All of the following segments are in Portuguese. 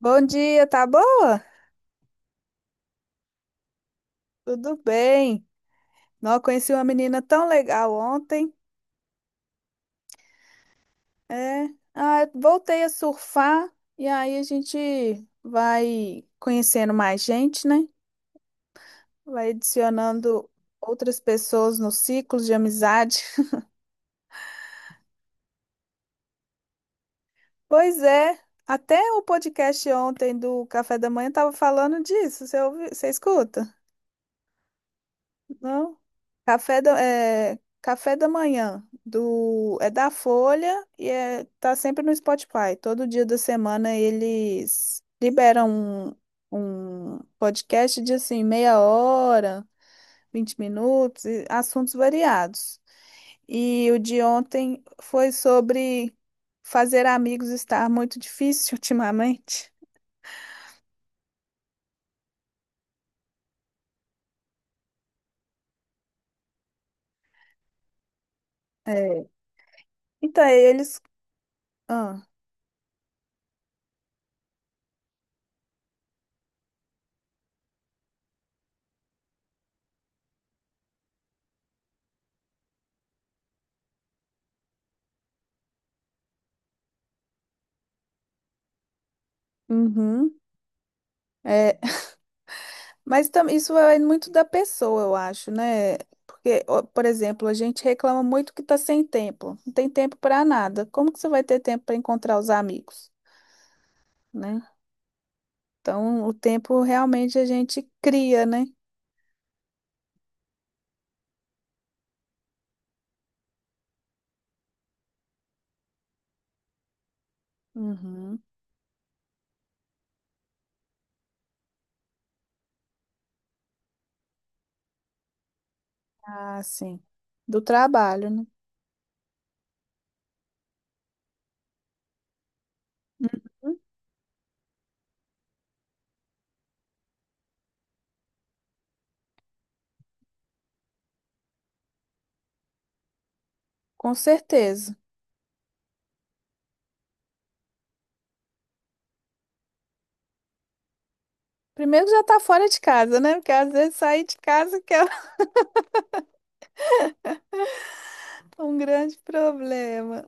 Bom dia, tá boa? Tudo bem. Não, conheci uma menina tão legal ontem. É, ah, eu voltei a surfar e aí a gente vai conhecendo mais gente, né? Vai adicionando outras pessoas no ciclo de amizade. Pois é, até o podcast ontem do Café da Manhã tava falando disso. Você ouve, você escuta? Não. Café da Manhã do é da Folha tá sempre no Spotify. Todo dia da semana eles liberam um podcast de assim meia hora, 20 minutos, e assuntos variados. E o de ontem foi sobre fazer amigos estar muito difícil ultimamente. É. Então, eles. Ah, uhum. é, Mas isso vai muito da pessoa, eu acho, né? Porque, ó, por exemplo, a gente reclama muito que tá sem tempo, não tem tempo para nada. Como que você vai ter tempo para encontrar os amigos, né? Então, o tempo realmente a gente cria, né? Uhum. Ah, sim. Do trabalho, né? Com certeza. Primeiro já tá fora de casa, né? Porque às vezes sair de casa que é um grande problema.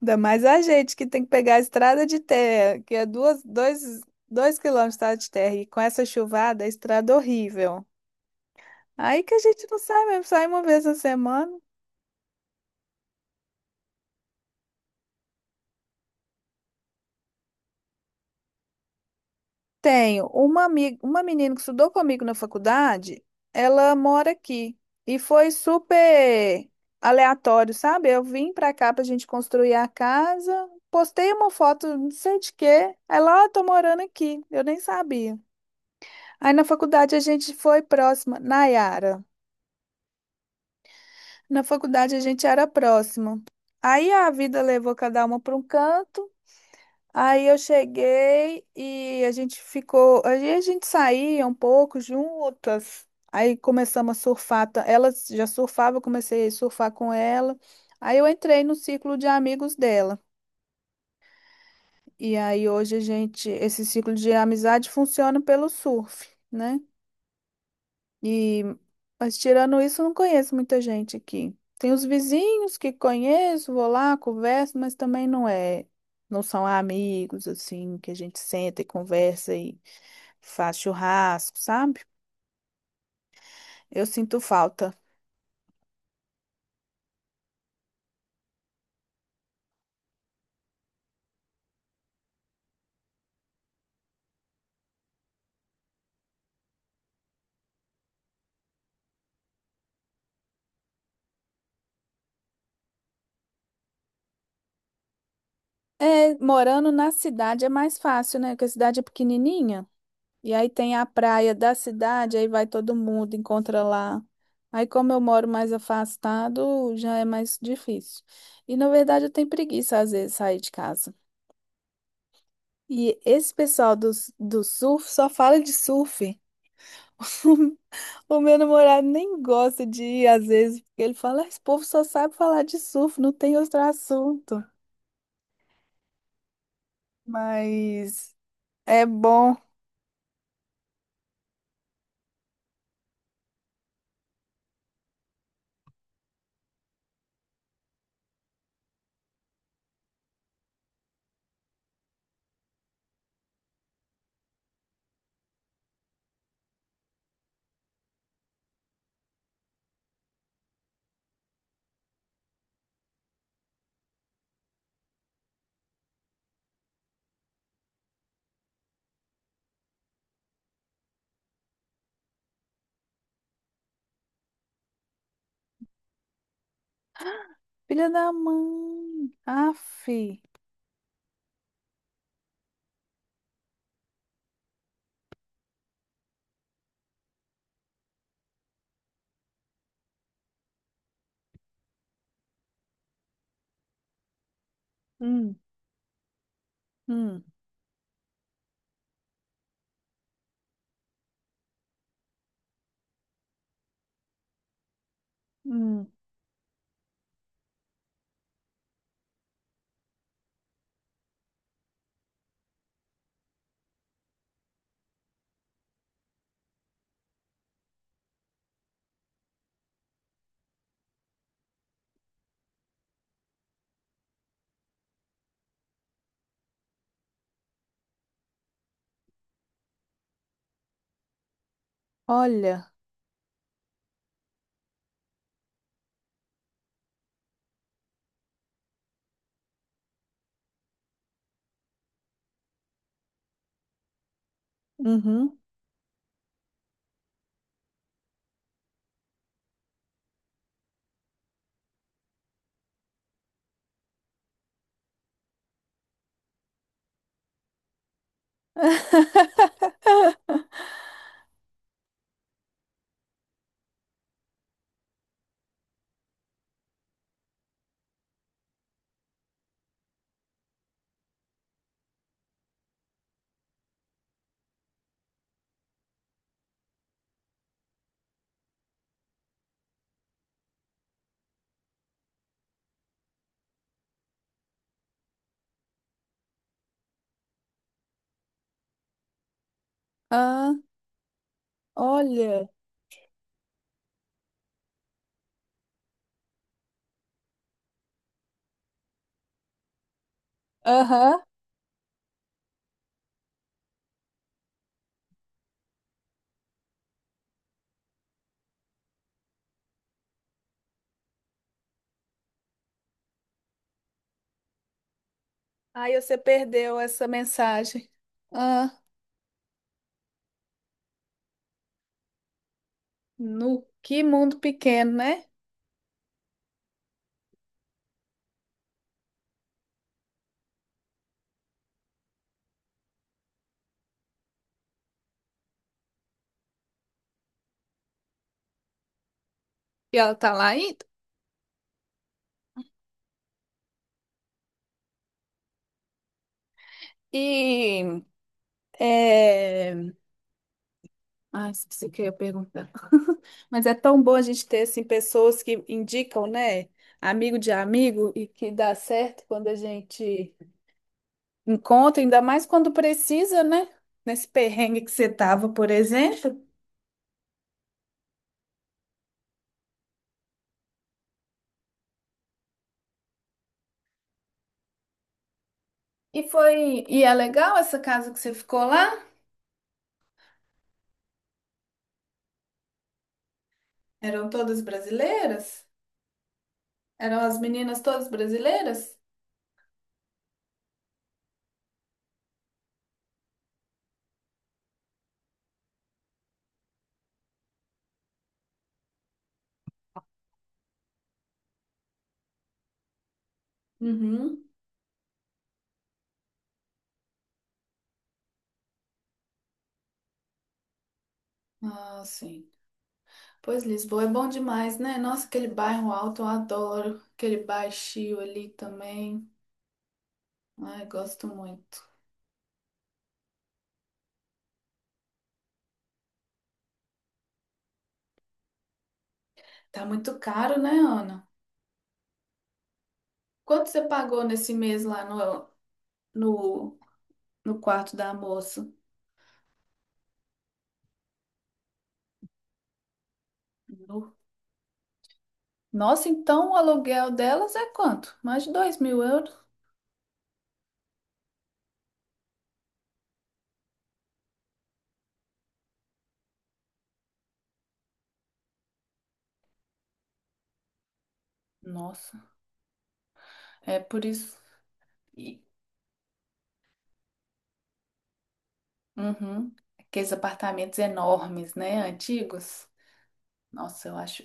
Ainda mais a gente que tem que pegar a estrada de terra, que é duas, dois quilômetros de estrada de terra, e com essa chuvada, a estrada é horrível. Aí que a gente não sai mesmo, sai uma vez na semana. Tenho uma amiga, uma menina que estudou comigo na faculdade, ela mora aqui. E foi super aleatório, sabe? Eu vim pra cá pra gente construir a casa, postei uma foto, não sei de quê. Aí lá, "Ah, tô morando aqui, eu nem sabia." Aí na faculdade a gente foi próxima, Nayara. Na faculdade a gente era próximo. Aí a vida levou cada uma para um canto. Aí eu cheguei e a gente ficou. Aí a gente saía um pouco juntas. Aí começamos a surfar. Ela já surfava, eu comecei a surfar com ela. Aí eu entrei no ciclo de amigos dela. E aí hoje a gente, esse ciclo de amizade funciona pelo surf, né? E, mas tirando isso, eu não conheço muita gente aqui. Tem os vizinhos que conheço, vou lá, converso, mas também não é, não são amigos assim que a gente senta e conversa e faz churrasco, sabe? Eu sinto falta. É, morando na cidade é mais fácil, né? Porque a cidade é pequenininha. E aí tem a praia da cidade, aí vai todo mundo, encontra lá. Aí, como eu moro mais afastado, já é mais difícil. E, na verdade, eu tenho preguiça, às vezes, de sair de casa. E esse pessoal do surf só fala de surf. O meu namorado nem gosta de ir, às vezes, porque ele fala, "Ah, esse povo só sabe falar de surf, não tem outro assunto." Mas é bom. Filha da mãe. Aff. Hum, hum, hum. Olha. Uhum. Ah, olha. Aham. Aí você perdeu essa mensagem. Ah, no que mundo pequeno, né? E ela tá lá ainda. E é... Ai, esqueci o que eu ia perguntar. Mas é tão bom a gente ter assim, pessoas que indicam, né? Amigo de amigo e que dá certo quando a gente encontra, ainda mais quando precisa, né? Nesse perrengue que você tava, por exemplo. E foi, e é legal essa casa que você ficou lá? Eram todas brasileiras? Eram as meninas todas brasileiras? Uhum. Ah, sim. Pois Lisboa é bom demais, né? Nossa, aquele bairro alto eu adoro. Aquele baixio ali também. Ai, gosto muito. Tá muito caro, né, Ana? Quanto você pagou nesse mês lá no, no, no quarto da moça? No- Nossa, então o aluguel delas é quanto? Mais de 2.000 euros? Nossa, é por isso. Uhum. Aqueles apartamentos enormes, né? Antigos. Nossa, eu acho.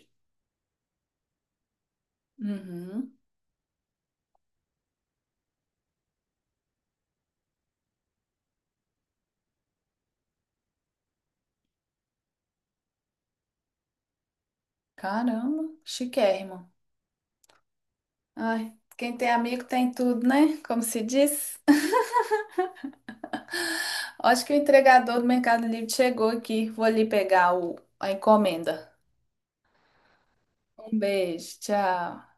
Uhum. Caramba, chiquérrimo. Ai, quem tem amigo tem tudo, né? Como se diz. Acho que o entregador do Mercado Livre chegou aqui. Vou ali pegar o... a encomenda. Um beijo, tchau.